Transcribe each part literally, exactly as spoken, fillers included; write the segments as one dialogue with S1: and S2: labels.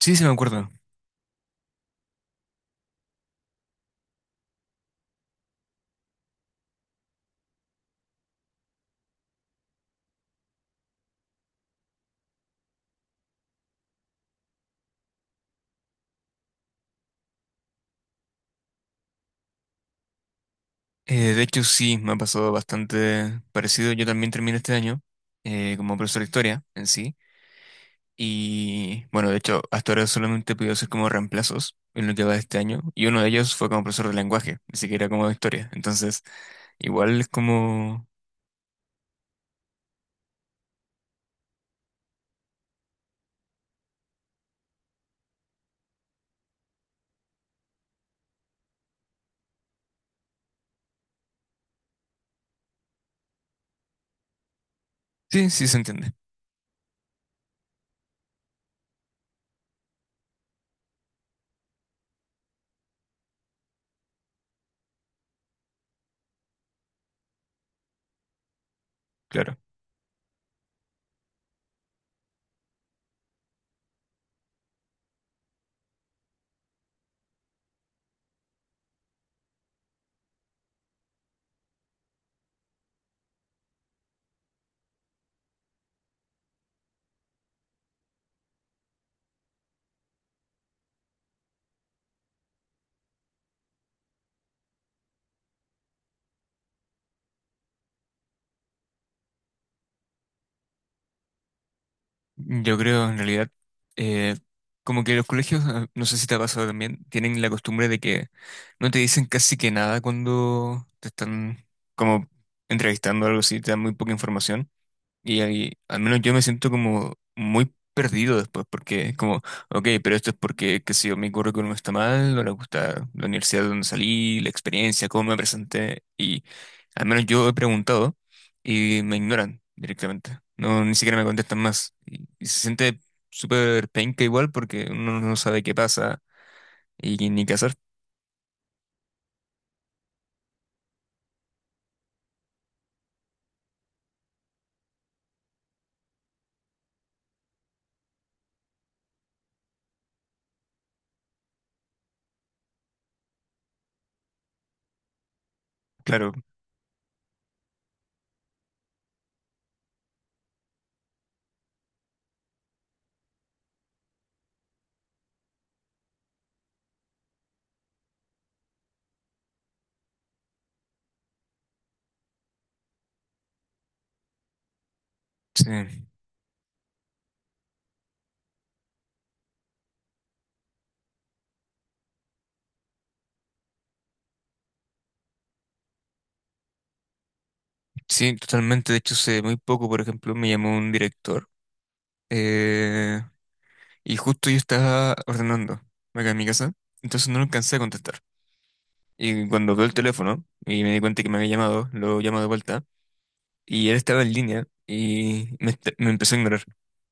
S1: Sí, sí me acuerdo. Eh, de hecho, sí, me ha pasado bastante parecido. Yo también terminé este año eh, como profesor de historia en sí. Y bueno, de hecho, hasta ahora solamente he podido hacer como reemplazos en lo que va de este año. Y uno de ellos fue como profesor de lenguaje, ni siquiera como de historia. Entonces, igual es como... Sí, sí se entiende, claro. Yo creo, en realidad, eh, como que los colegios, eh, no sé si te ha pasado también, tienen la costumbre de que no te dicen casi que nada cuando te están como entrevistando o algo así, te dan muy poca información. Y ahí, al menos yo me siento como muy perdido después, porque es como, ok, pero esto es porque, qué sé yo, mi currículum no está mal, no le gusta la universidad de donde salí, la experiencia, cómo me presenté, y al menos yo he preguntado y me ignoran directamente, no, ni siquiera me contestan más, y y se siente súper penca igual porque uno no sabe qué pasa y ni qué hacer. Claro, sí, sí, totalmente, de hecho, sé muy poco, por ejemplo, me llamó un director. eh, Y justo yo estaba ordenando acá en mi casa, entonces no lo alcancé a contestar. Y cuando veo el teléfono y me di cuenta que me había llamado, lo llamo de vuelta y él estaba en línea y me, est- me empezó a ignorar.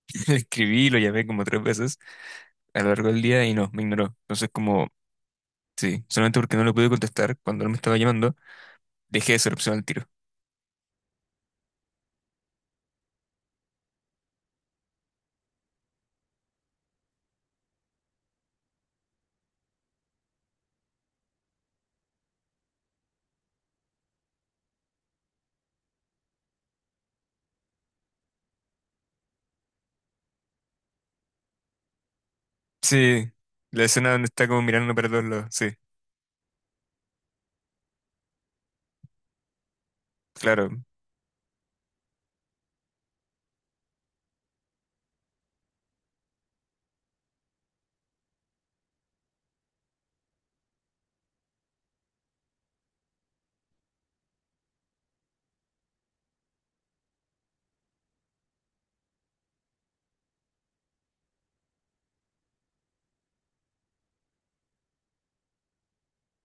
S1: Le escribí, lo llamé como tres veces a lo largo del día y no, me ignoró. Entonces como, sí, solamente porque no lo pude contestar cuando él me estaba llamando, dejé de ser opción al tiro. Sí, la escena donde está como mirando para todos lados, sí, claro,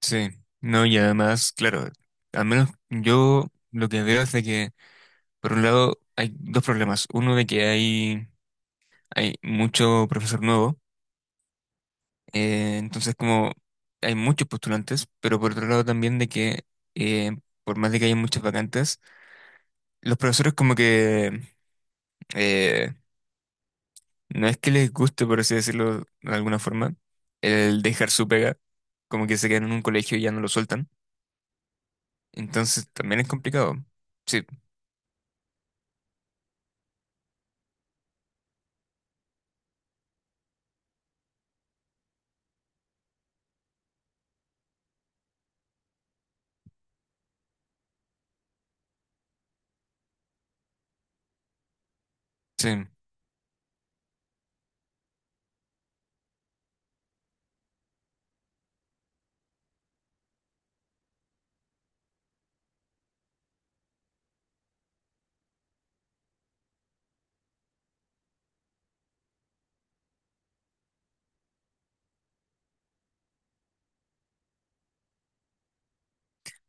S1: sí. No, y además, claro, al menos yo lo que veo es de que por un lado, hay dos problemas. Uno de que hay, hay mucho profesor nuevo, eh, entonces como hay muchos postulantes, pero por otro lado también de que eh, por más de que haya muchas vacantes, los profesores como que eh, no es que les guste, por así decirlo de alguna forma, el dejar su pega, como que se quedan en un colegio y ya no lo sueltan. Entonces también es complicado. Sí, sí.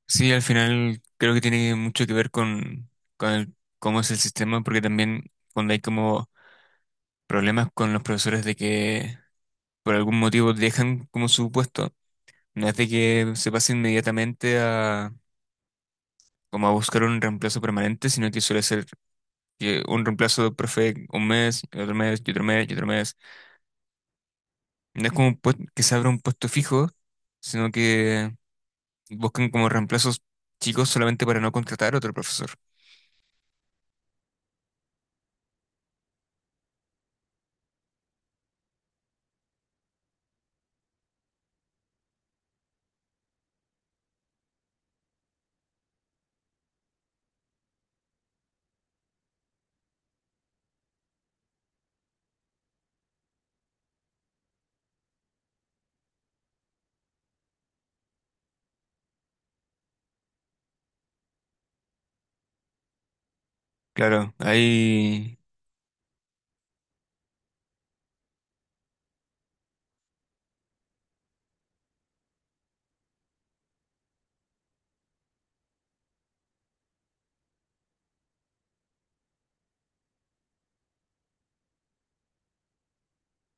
S1: Sí, al final creo que tiene mucho que ver con, con el- cómo es el sistema, porque también cuando hay como problemas con los profesores de que por algún motivo dejan como su puesto, no es de que se pase inmediatamente a como a buscar un reemplazo permanente, sino que suele ser que un reemplazo de profe un mes, y otro mes, y otro mes, y otro mes. No es como un puest- que se abra un puesto fijo, sino que buscan como reemplazos chicos solamente para no contratar a otro profesor. Claro, hay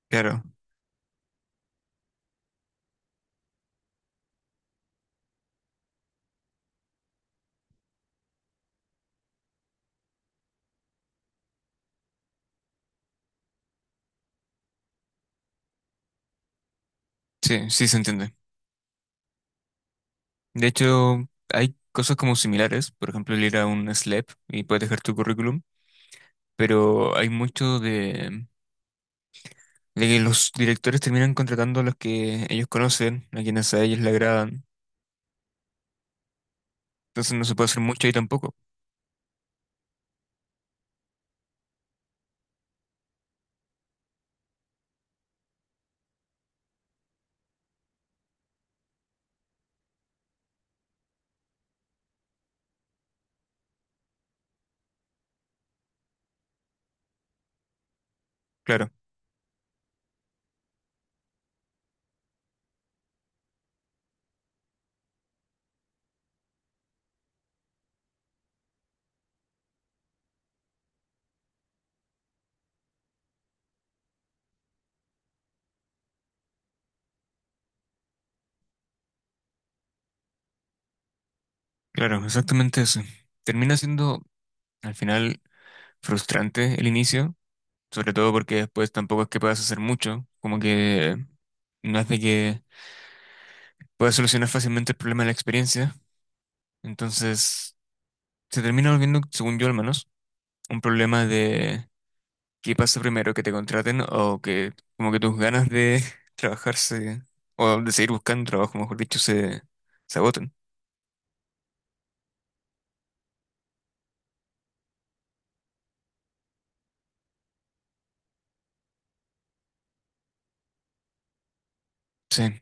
S1: claro, sí, sí se entiende. De hecho, hay cosas como similares, por ejemplo, el ir a un S L A P y puedes dejar tu currículum, pero hay mucho de, de que los directores terminan contratando a los que ellos conocen, a quienes a ellos le agradan, entonces no se puede hacer mucho ahí tampoco. Claro, claro, exactamente eso. Termina siendo al final frustrante el inicio, sobre todo porque después tampoco es que puedas hacer mucho, como que no es de que puedas solucionar fácilmente el problema de la experiencia, entonces... se termina volviendo, según yo al menos, un problema de qué pasa primero, que te contraten o que como que tus ganas de trabajar se- o de seguir buscando trabajo, mejor dicho, se, se agotan. Sí,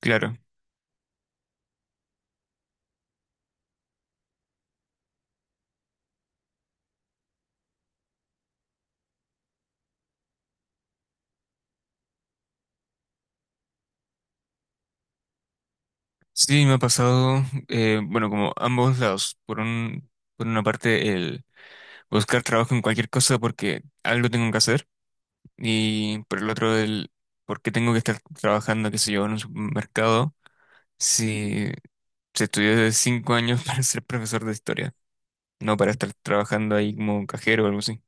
S1: claro. Sí, me ha pasado, eh, bueno, como ambos lados. Por un, por una parte, el buscar trabajo en cualquier cosa porque algo tengo que hacer y por el otro, el por qué tengo que estar trabajando, qué sé yo, en un supermercado si se estudió de cinco años para ser profesor de historia. No para estar trabajando ahí como cajero o algo así.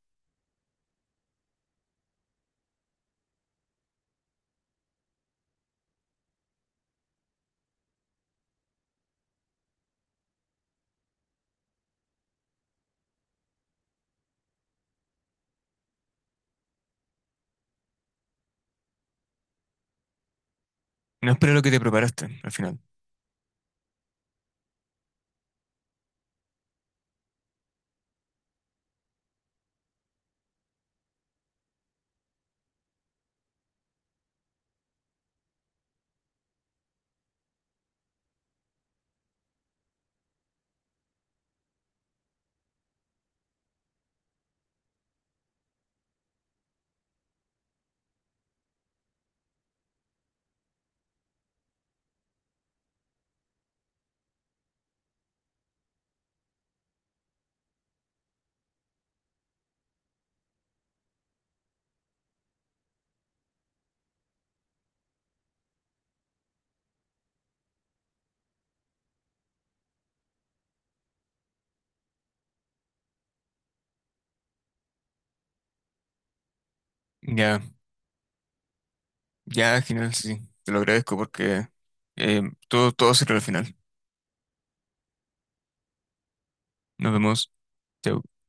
S1: No es para lo que te preparaste al final. Ya, ya, genial, sí. Sí. Te lo agradezco porque eh, todo, todo se crea al final. Nos vemos. Chao.